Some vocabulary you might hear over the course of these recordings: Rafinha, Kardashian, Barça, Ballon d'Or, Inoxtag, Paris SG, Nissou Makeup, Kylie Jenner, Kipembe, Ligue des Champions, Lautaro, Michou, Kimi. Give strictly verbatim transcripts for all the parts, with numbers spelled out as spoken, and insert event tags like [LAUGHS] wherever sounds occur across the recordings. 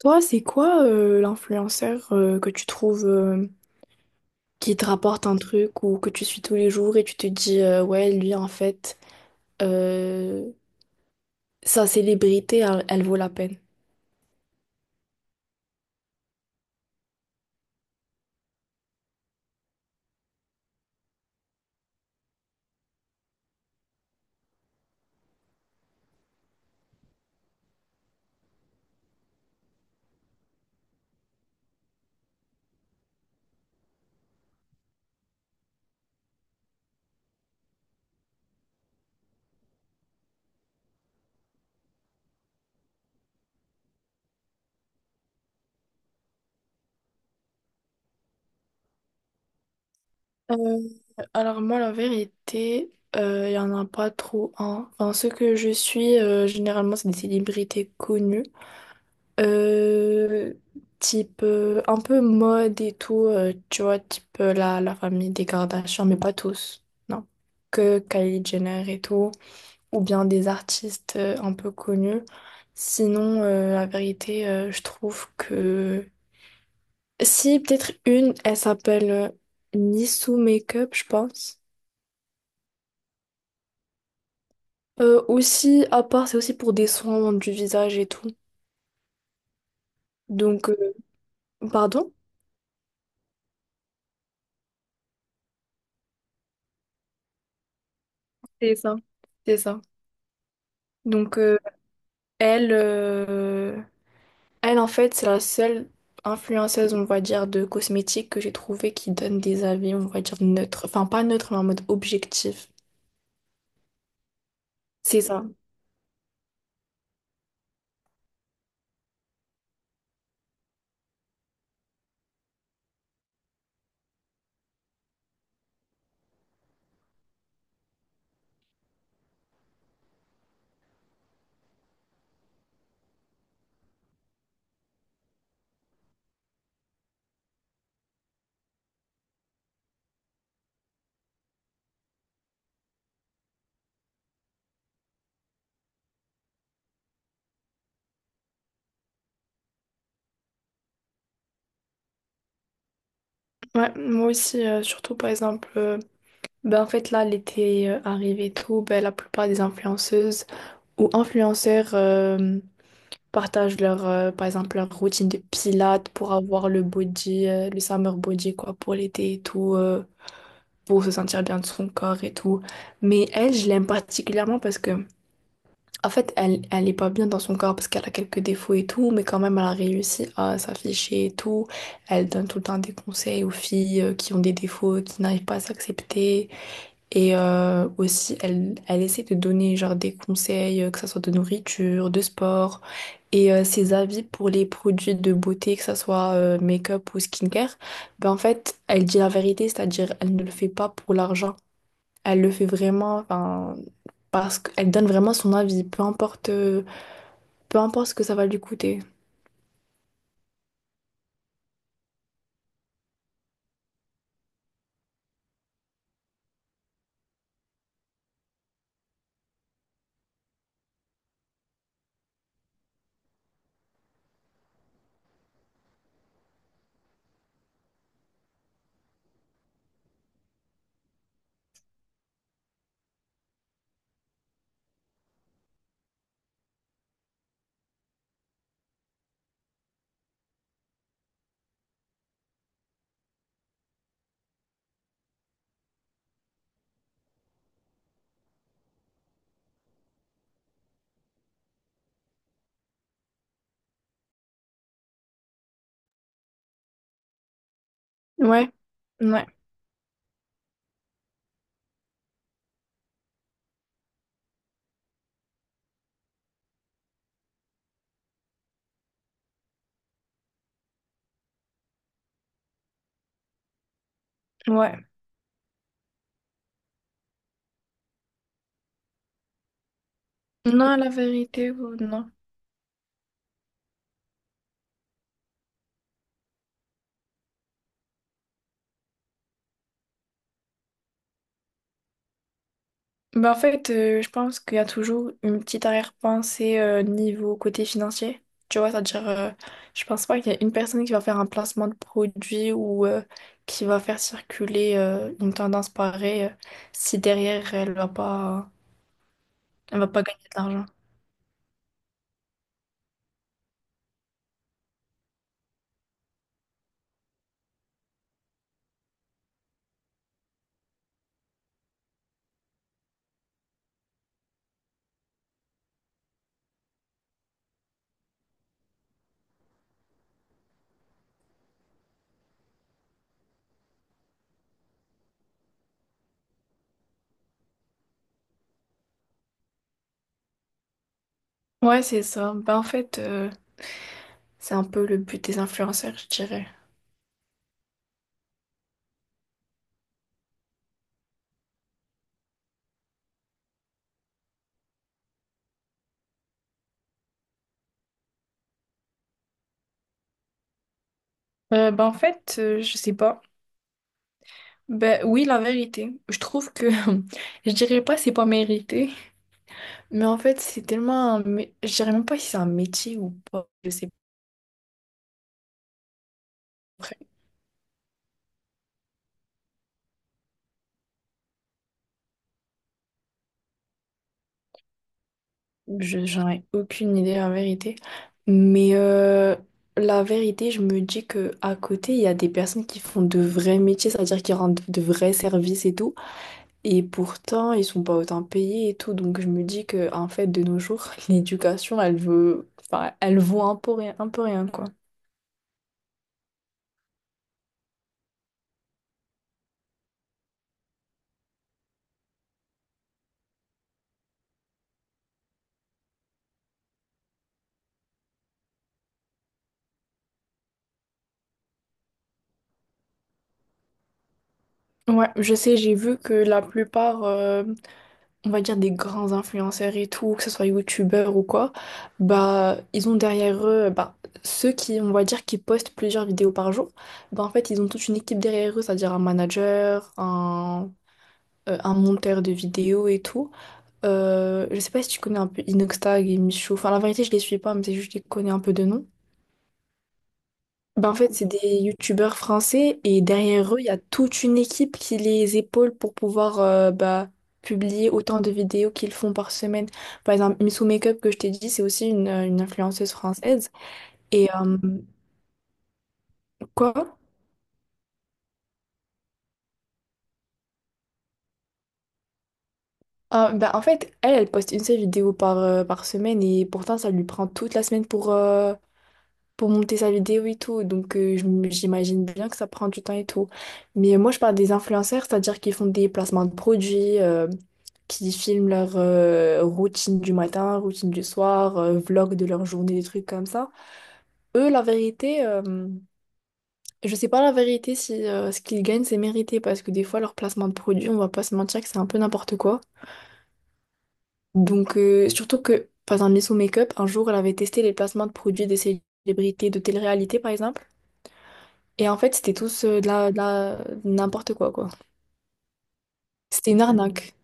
Toi, c'est quoi euh, l'influenceur euh, que tu trouves euh, qui te rapporte un truc ou que tu suis tous les jours et tu te dis euh, ouais, lui en fait, euh, sa célébrité, elle, elle vaut la peine. Euh, alors moi, la vérité, euh, il y en a pas trop un. Enfin, ceux que je suis, euh, généralement, c'est des célébrités connues. Euh, type euh, un peu mode et tout, euh, tu vois, type euh, la, la famille des Kardashian, mais pas tous. Non. Que Kylie Jenner et tout. Ou bien des artistes euh, un peu connus. Sinon, euh, la vérité, euh, je trouve que... Si, peut-être une, elle s'appelle euh, Nissou Makeup, je pense. Euh, aussi, à part, c'est aussi pour des soins du visage et tout. Donc, euh, pardon? C'est ça. C'est ça. Donc, euh, elle, euh, elle, en fait, c'est la seule influenceuse, on va dire, de cosmétiques que j'ai trouvé qui donne des avis, on va dire, neutres. Enfin, pas neutres, mais en mode objectif. C'est ça. Ouais, moi aussi, euh, surtout par exemple, euh, ben en fait là, l'été euh, arrive et tout, ben la plupart des influenceuses ou influenceurs euh, partagent leur, euh, par exemple, leur routine de pilates pour avoir le body, euh, le summer body quoi, pour l'été et tout, euh, pour se sentir bien de son corps et tout. Mais elle, je l'aime particulièrement parce que en fait, elle, elle est pas bien dans son corps parce qu'elle a quelques défauts et tout, mais quand même, elle a réussi à s'afficher et tout. Elle donne tout le temps des conseils aux filles euh, qui ont des défauts, qui n'arrivent pas à s'accepter. Et euh, aussi, elle, elle essaie de donner genre des conseils, euh, que ça soit de nourriture, de sport, et euh, ses avis pour les produits de beauté, que ça soit euh, make-up ou skincare. Ben, en fait, elle dit la vérité, c'est-à-dire elle ne le fait pas pour l'argent. Elle le fait vraiment, enfin, parce qu'elle donne vraiment son avis, peu importe. Euh, peu importe ce que ça va lui coûter. Ouais, ouais, ouais. Non, la vérité, ou- non. Bah en fait, euh, je pense qu'il y a toujours une petite arrière-pensée euh, niveau côté financier. Tu vois, c'est-à-dire, euh, je pense pas qu'il y a une personne qui va faire un placement de produit ou euh, qui va faire circuler euh, une tendance pareille euh, si derrière elle va pas, elle va pas gagner de l'argent. Ouais, c'est ça. Bah en fait, euh, c'est un peu le but des influenceurs, je dirais. Euh, ben, en fait, euh, je sais pas. Ben oui, la vérité. Je trouve que [LAUGHS] je dirais pas c'est pas mérité, mais en fait c'est tellement un mé- je dirais même pas si c'est un métier ou pas. Je sais pas. Je j'en ai aucune idée la vérité. Mais euh, la vérité, je me dis que à côté il y a des personnes qui font de vrais métiers, c'est-à-dire qui rendent de vrais services et tout, et pourtant ils sont pas autant payés et tout. Donc je me dis que en fait de nos jours [LAUGHS] l'éducation elle veut, enfin elle vaut un peu rien, un peu rien quoi. Ouais, je sais, j'ai vu que la plupart, euh, on va dire des grands influenceurs et tout, que ce soit youtubeurs ou quoi, bah ils ont derrière eux, bah ceux qui, on va dire, qui postent plusieurs vidéos par jour, bah en fait ils ont toute une équipe derrière eux, c'est-à-dire un manager, un, euh, un monteur de vidéos et tout. Euh, je sais pas si tu connais un peu Inoxtag et Michou, enfin la vérité je les suis pas, mais c'est juste que je les connais un peu de nom. Ben, en fait, c'est des youtubeurs français et derrière eux, il y a toute une équipe qui les épaule pour pouvoir euh, bah, publier autant de vidéos qu'ils font par semaine. Par exemple, Missou Makeup que je t'ai dit, c'est aussi une, euh, une influenceuse française. Et euh, quoi? Euh, ben, en fait, elle, elle poste une seule vidéo par, euh, par semaine et pourtant, ça lui prend toute la semaine pour, euh, pour monter sa vidéo et tout. Donc, euh, je m- j'imagine bien que ça prend du temps et tout. Mais moi, je parle des influenceurs, c'est-à-dire qu'ils font des placements de produits, euh, qui filment leur euh, routine du matin, routine du soir, euh, vlog de leur journée, des trucs comme ça. Eux, la vérité, euh, je sais pas la vérité si euh, ce qu'ils gagnent, c'est mérité, parce que des fois, leur placement de produits, on va pas se mentir que c'est un peu n'importe quoi. Donc, euh, surtout que, par exemple, Miss Make-up, un jour, elle avait testé les placements de produits des célébrités de télé-réalité, par exemple. Et en fait, c'était tous euh, de la, de la- n'importe quoi, quoi. C'était une arnaque.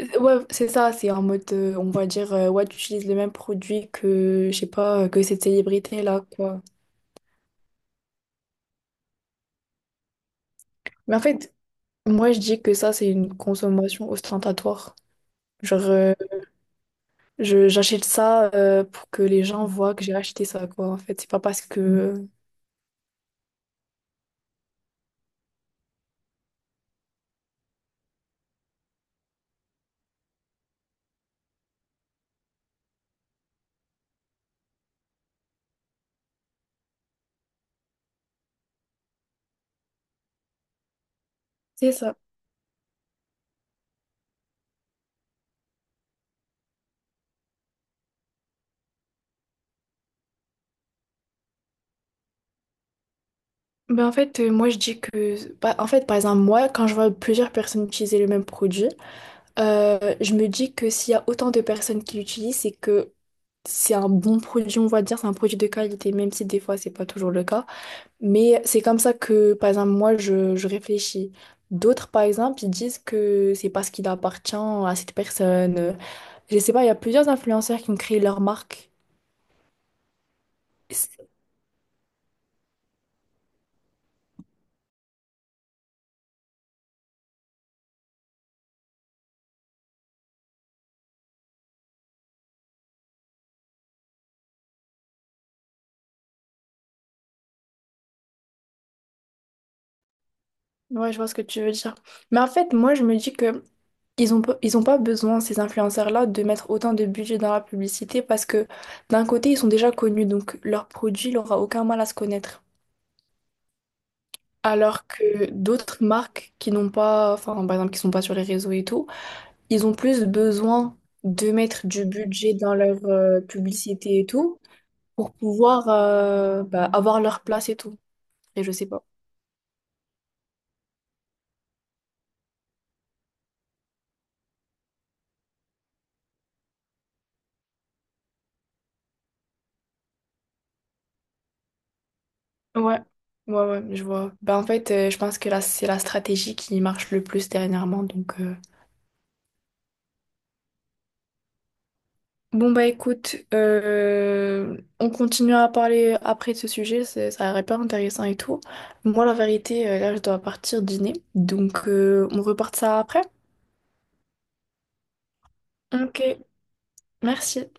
Euh, Ouais, c'est ça, c'est en mode, euh, on va dire, euh, ouais, tu utilises le même produit que, je sais pas, euh, que cette célébrité-là, quoi. Mais en fait, moi, je dis que ça, c'est une consommation ostentatoire. Genre, euh, je, j'achète ça euh, pour que les gens voient que j'ai acheté ça, quoi, en fait. C'est pas parce que... C'est ça. Mais en fait, euh, moi, je dis que... Bah, en fait, par exemple, moi, quand je vois plusieurs personnes utiliser le même produit, Euh, je me dis que s'il y a autant de personnes qui l'utilisent, c'est que c'est un bon produit, on va dire, c'est un produit de qualité, même si des fois c'est pas toujours le cas. Mais c'est comme ça que, par exemple, moi je, je réfléchis. D'autres, par exemple, ils disent que c'est parce qu'il appartient à cette personne. Euh, Je sais pas, il y a plusieurs influenceurs qui ont créé leur marque. C'est- Ouais, je vois ce que tu veux dire. Mais en fait, moi je me dis que Ils ont, pas, ils ont pas besoin, ces influenceurs-là, de mettre autant de budget dans la publicité parce que d'un côté, ils sont déjà connus, donc leur produit n'aura aucun mal à se connaître. Alors que d'autres marques qui n'ont pas, enfin, par exemple, qui sont pas sur les réseaux et tout, ils ont plus besoin de mettre du budget dans leur euh, publicité et tout pour pouvoir euh, bah, avoir leur place et tout. Et je sais pas. Ouais, ouais, ouais, je vois. Bah, en fait, euh, je pense que là, c'est la stratégie qui marche le plus dernièrement. Donc, euh. Bon, bah écoute, euh, on continue à parler après de ce sujet, c'est- ça a l'air hyper intéressant et tout. Moi, la vérité, euh, là, je dois partir dîner. Donc, euh, on repart ça après. Ok, merci.